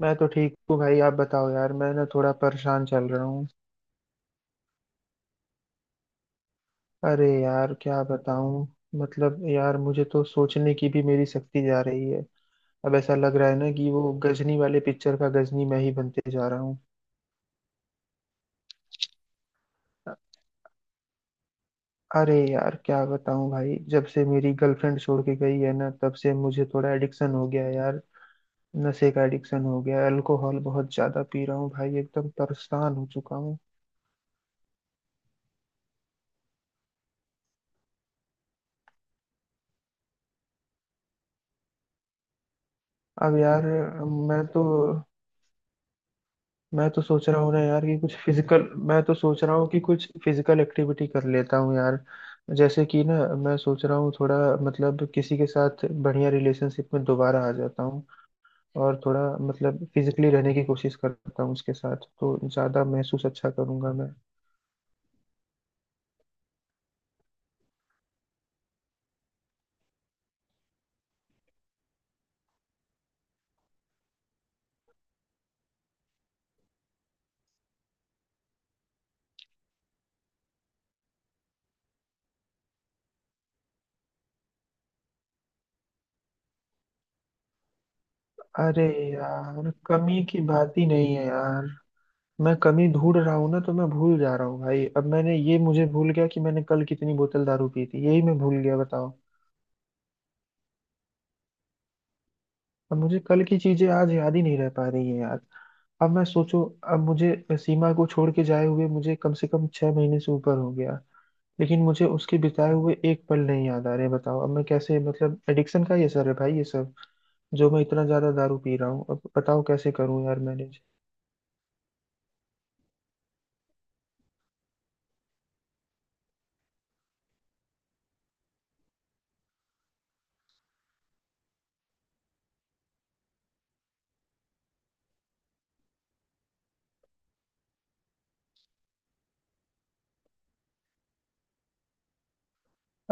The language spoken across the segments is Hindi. मैं तो ठीक हूँ भाई। आप बताओ यार, मैं ना थोड़ा परेशान चल रहा हूँ। अरे यार क्या बताऊँ, मतलब यार मुझे तो सोचने की भी मेरी शक्ति जा रही है। अब ऐसा लग रहा है ना कि वो गजनी वाले पिक्चर का गजनी मैं ही बनते जा रहा हूँ। अरे यार क्या बताऊँ भाई, जब से मेरी गर्लफ्रेंड छोड़ के गई है ना तब से मुझे थोड़ा एडिक्शन हो गया है यार। नशे का एडिक्शन हो गया है, अल्कोहल बहुत ज्यादा पी रहा हूँ भाई, एकदम परेशान हो चुका हूँ। अब यार मैं तो मैं तो सोच रहा हूँ ना यार कि कुछ फिजिकल, मैं तो सोच रहा हूँ कि कुछ फिजिकल एक्टिविटी कर लेता हूँ यार। जैसे कि ना, मैं सोच रहा हूँ थोड़ा, मतलब किसी के साथ बढ़िया रिलेशनशिप में दोबारा आ जाता हूँ, और थोड़ा मतलब फिजिकली रहने की कोशिश करता हूँ उसके साथ तो ज़्यादा महसूस अच्छा करूंगा मैं। अरे यार कमी की बात ही नहीं है यार। मैं कमी ढूंढ रहा हूँ ना तो मैं भूल जा रहा हूँ भाई। अब मैंने ये, मुझे भूल गया कि मैंने कल कितनी बोतल दारू पी थी, यही मैं भूल गया बताओ। अब मुझे कल की चीजें आज याद ही नहीं रह पा रही है यार। अब मैं सोचो, अब मुझे सीमा को छोड़ के जाए हुए मुझे कम से कम 6 महीने से ऊपर हो गया, लेकिन मुझे उसके बिताए हुए एक पल नहीं याद आ रहे, बताओ अब मैं कैसे, मतलब एडिक्शन का ये सर है भाई ये सब। जो मैं इतना ज्यादा दारू पी रहा हूँ, अब बताओ कैसे करूँ यार मैनेज।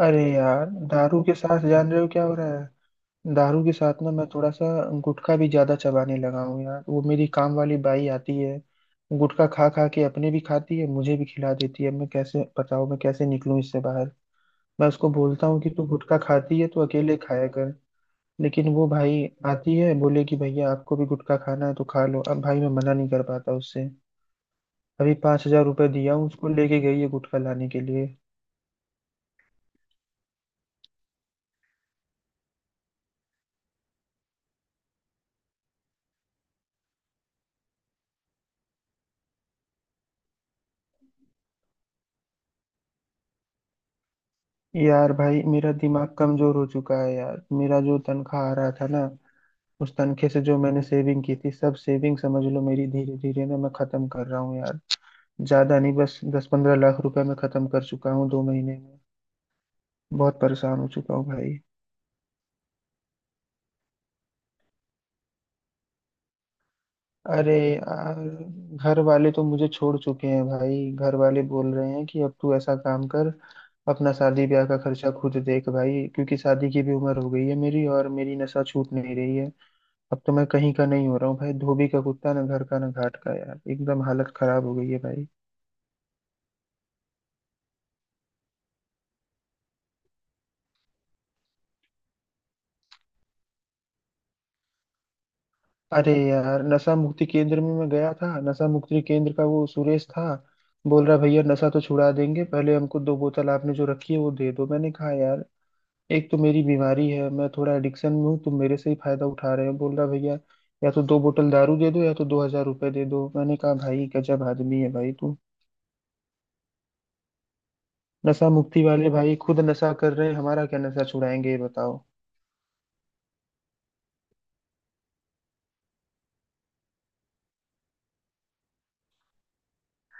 अरे यार दारू के साथ जान रहे हो क्या हो रहा है? दारू के साथ ना मैं थोड़ा सा गुटखा भी ज्यादा चबाने लगा हूँ यार। वो मेरी काम वाली बाई आती है, गुटखा खा खा के अपने भी खाती है मुझे भी खिला देती है। मैं कैसे बताओ, मैं कैसे निकलूं इससे बाहर। मैं उसको बोलता हूँ कि तू गुटखा खाती है तो अकेले खाया कर, लेकिन वो भाई आती है, बोले कि भैया आपको भी गुटखा खाना है तो खा लो। अब भाई मैं मना नहीं कर पाता उससे। अभी 5,000 रुपये दिया हूँ उसको, लेके गई है गुटखा लाने के लिए। यार भाई मेरा दिमाग कमजोर हो चुका है यार। मेरा जो तनख्वाह आ रहा था ना, उस तनखे से जो मैंने सेविंग की थी, सब सेविंग समझ लो मेरी, धीरे धीरे ना मैं खत्म कर रहा हूँ यार। ज्यादा नहीं, बस 10-15 लाख रुपए मैं खत्म कर चुका हूँ 2 महीने में। बहुत परेशान हो चुका हूँ भाई। अरे यार, घर वाले तो मुझे छोड़ चुके हैं भाई। घर वाले बोल रहे हैं कि अब तू ऐसा काम कर, अपना शादी ब्याह का खर्चा खुद देख भाई, क्योंकि शादी की भी उम्र हो गई है मेरी और मेरी नशा छूट नहीं रही है। अब तो मैं कहीं का नहीं हो रहा हूँ भाई, धोबी का कुत्ता ना घर का ना घाट का यार, एकदम हालत खराब हो गई है भाई। अरे यार, नशा मुक्ति केंद्र में मैं गया था, नशा मुक्ति केंद्र का वो सुरेश था। बोल रहा, भैया नशा तो छुड़ा देंगे, पहले हमको 2 बोतल आपने जो रखी है वो दे दो। मैंने कहा यार, एक तो मेरी बीमारी है, मैं थोड़ा एडिक्शन में हूँ, तुम मेरे से ही फायदा उठा रहे हो। बोल रहा, भैया या तो 2 बोतल दारू दे दो या तो 2,000 रुपये दे दो। मैंने कहा भाई गजब आदमी है भाई तू। नशा मुक्ति वाले भाई खुद नशा कर रहे हैं, हमारा क्या नशा छुड़ाएंगे ये बताओ।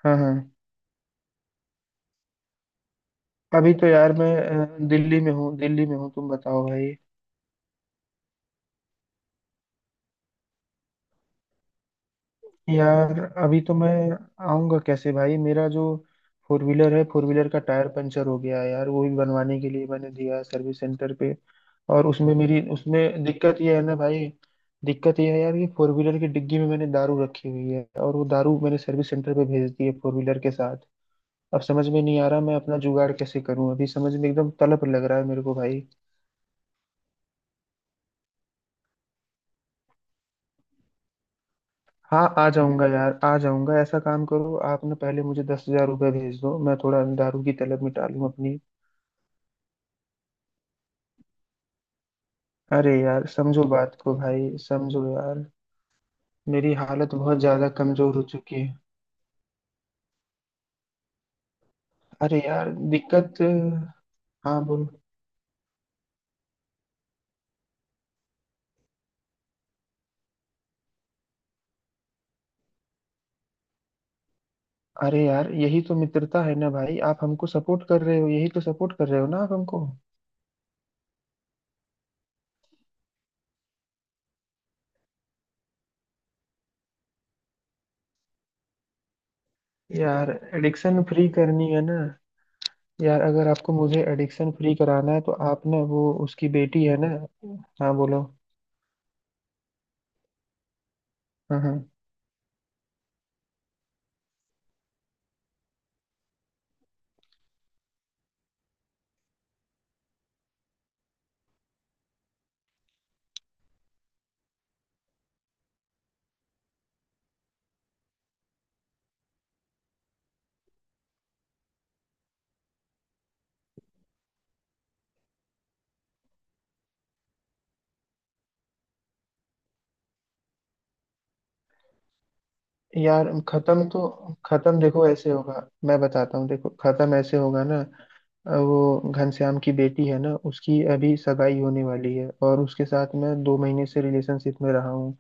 हाँ हाँ। अभी तो यार मैं दिल्ली में हूँ, दिल्ली में हूँ, तुम बताओ भाई। यार अभी तो मैं आऊँगा कैसे भाई? मेरा जो फोर व्हीलर है, फोर व्हीलर का टायर पंचर हो गया है यार, वो भी बनवाने के लिए मैंने दिया है सर्विस सेंटर पे। और उसमें मेरी, उसमें दिक्कत ये है ना भाई, दिक्कत ये है यार कि फोर व्हीलर की डिग्गी में मैंने दारू रखी हुई है, और वो दारू मैंने सर्विस सेंटर पे भेज दी है फोर व्हीलर के साथ। अब समझ में नहीं आ रहा मैं अपना जुगाड़ कैसे करूं, अभी समझ में एकदम तलब लग रहा है मेरे को भाई। हाँ आ जाऊंगा यार, आ जाऊंगा। ऐसा काम करो, आप ना पहले मुझे 10,000 रुपये भेज दो, मैं थोड़ा दारू की तलब मिटा लूँ अपनी। अरे यार समझो बात को भाई, समझो यार। मेरी हालत बहुत ज्यादा कमजोर हो चुकी है। अरे यार दिक्कत। हाँ बोल। अरे यार यही तो मित्रता है ना भाई, आप हमको सपोर्ट कर रहे हो, यही तो सपोर्ट कर रहे हो ना आप हमको। यार एडिक्शन फ्री करनी है ना। यार अगर आपको मुझे एडिक्शन फ्री कराना है तो आप ना, वो उसकी बेटी है ना। हाँ बोलो। हाँ हाँ। यार खत्म तो, खत्म देखो ऐसे होगा, मैं बताता हूँ देखो, खत्म ऐसे होगा ना। वो घनश्याम की बेटी है ना, उसकी अभी सगाई होने वाली है, और उसके साथ मैं 2 महीने से रिलेशनशिप में रहा हूँ।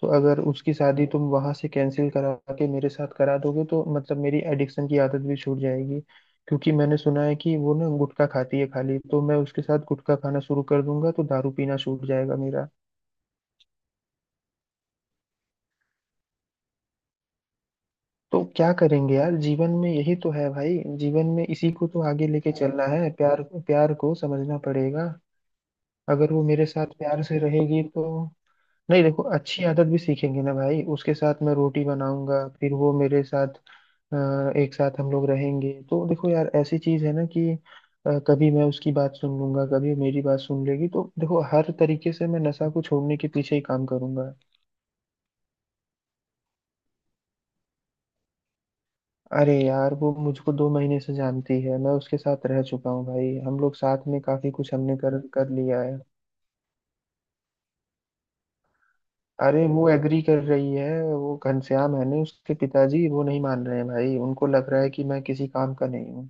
तो अगर उसकी शादी तुम वहां से कैंसिल करा के मेरे साथ करा दोगे तो मतलब मेरी एडिक्शन की आदत भी छूट जाएगी। क्योंकि मैंने सुना है कि वो ना गुटखा खाती है खाली, तो मैं उसके साथ गुटखा खाना शुरू कर दूंगा तो दारू पीना छूट जाएगा मेरा। तो क्या करेंगे यार, जीवन में यही तो है भाई, जीवन में इसी को तो आगे लेके चलना है, प्यार, प्यार को समझना पड़ेगा। अगर वो मेरे साथ प्यार से रहेगी तो नहीं, देखो अच्छी आदत भी सीखेंगे ना भाई, उसके साथ मैं रोटी बनाऊंगा फिर वो मेरे साथ, अ, एक साथ हम लोग रहेंगे तो देखो यार ऐसी चीज है ना कि कभी मैं उसकी बात सुन लूंगा कभी मेरी बात सुन लेगी, तो देखो हर तरीके से मैं नशा को छोड़ने के पीछे ही काम करूंगा। अरे यार वो मुझको 2 महीने से जानती है, मैं उसके साथ रह चुका हूँ भाई, हम लोग साथ में काफी कुछ हमने कर कर लिया है। अरे वो एग्री कर रही है, वो घनश्याम है ना उसके पिताजी, वो नहीं मान रहे हैं भाई। उनको लग रहा है कि मैं किसी काम का नहीं हूँ।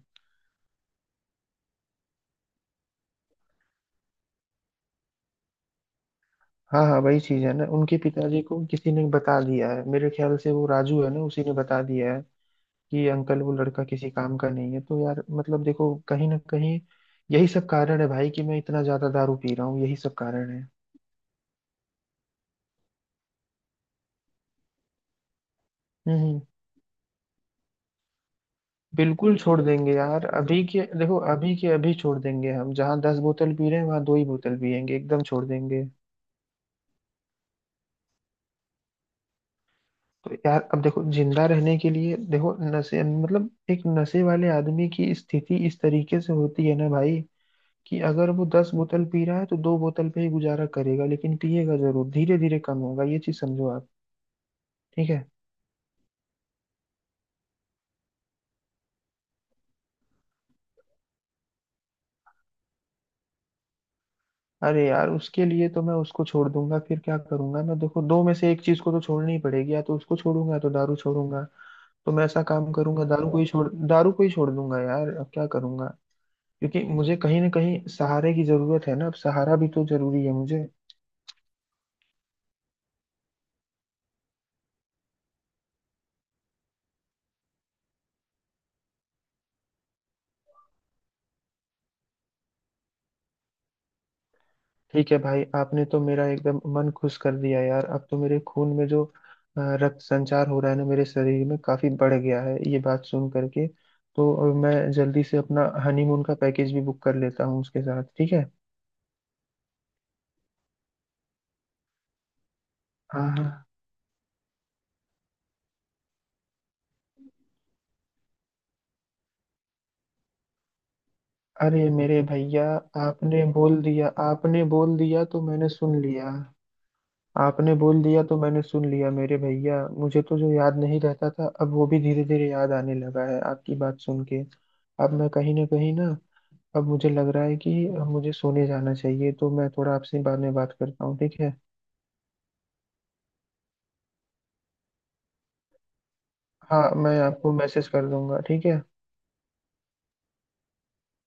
हाँ हाँ वही चीज है ना, उनके पिताजी को किसी ने बता दिया है, मेरे ख्याल से वो राजू है ना, उसी ने बता दिया है कि अंकल वो लड़का किसी काम का नहीं है। तो यार मतलब देखो, कहीं ना कहीं यही सब कारण है भाई कि मैं इतना ज्यादा दारू पी रहा हूँ, यही सब कारण है। हम्म हम्म। बिल्कुल छोड़ देंगे यार, अभी के देखो, अभी के अभी छोड़ देंगे। हम जहाँ 10 बोतल पी रहे हैं वहां 2 ही बोतल पियेंगे, एकदम छोड़ देंगे। तो यार अब देखो, जिंदा रहने के लिए देखो, नशे मतलब एक नशे वाले आदमी की स्थिति इस तरीके से होती है ना भाई, कि अगर वो 10 बोतल पी रहा है तो दो बोतल पे ही गुजारा करेगा, लेकिन पिएगा जरूर, धीरे धीरे कम होगा ये चीज, समझो आप। ठीक है। अरे यार उसके लिए तो मैं उसको छोड़ दूंगा, फिर क्या करूंगा मैं देखो, दो में से एक चीज को तो छोड़नी ही पड़ेगी, या तो उसको छोड़ूंगा या तो दारू छोड़ूंगा। तो मैं ऐसा काम करूंगा, दारू को ही छोड़, दारू को ही छोड़ दूंगा यार, अब क्या करूंगा, क्योंकि मुझे कहीं ना कहीं सहारे की जरूरत है ना, अब सहारा भी तो जरूरी है मुझे। ठीक है भाई, आपने तो मेरा एकदम मन खुश कर दिया यार। अब तो मेरे खून में जो रक्त संचार हो रहा है ना मेरे शरीर में, काफी बढ़ गया है ये बात सुन करके। तो अब मैं जल्दी से अपना हनीमून का पैकेज भी बुक कर लेता हूँ उसके साथ, ठीक है। हाँ हाँ। अरे मेरे भैया, आपने बोल दिया, आपने बोल दिया तो मैंने सुन लिया। आपने बोल दिया तो मैंने सुन लिया मेरे भैया। मुझे तो जो याद नहीं रहता था, अब वो भी धीरे धीरे याद आने लगा है आपकी बात सुन के। अब मैं कहीं ना कहीं ना, अब मुझे लग रहा है कि मुझे सोने जाना चाहिए, तो मैं थोड़ा आपसे बाद में बात करता हूँ, ठीक है। हाँ मैं आपको मैसेज कर दूंगा, ठीक है।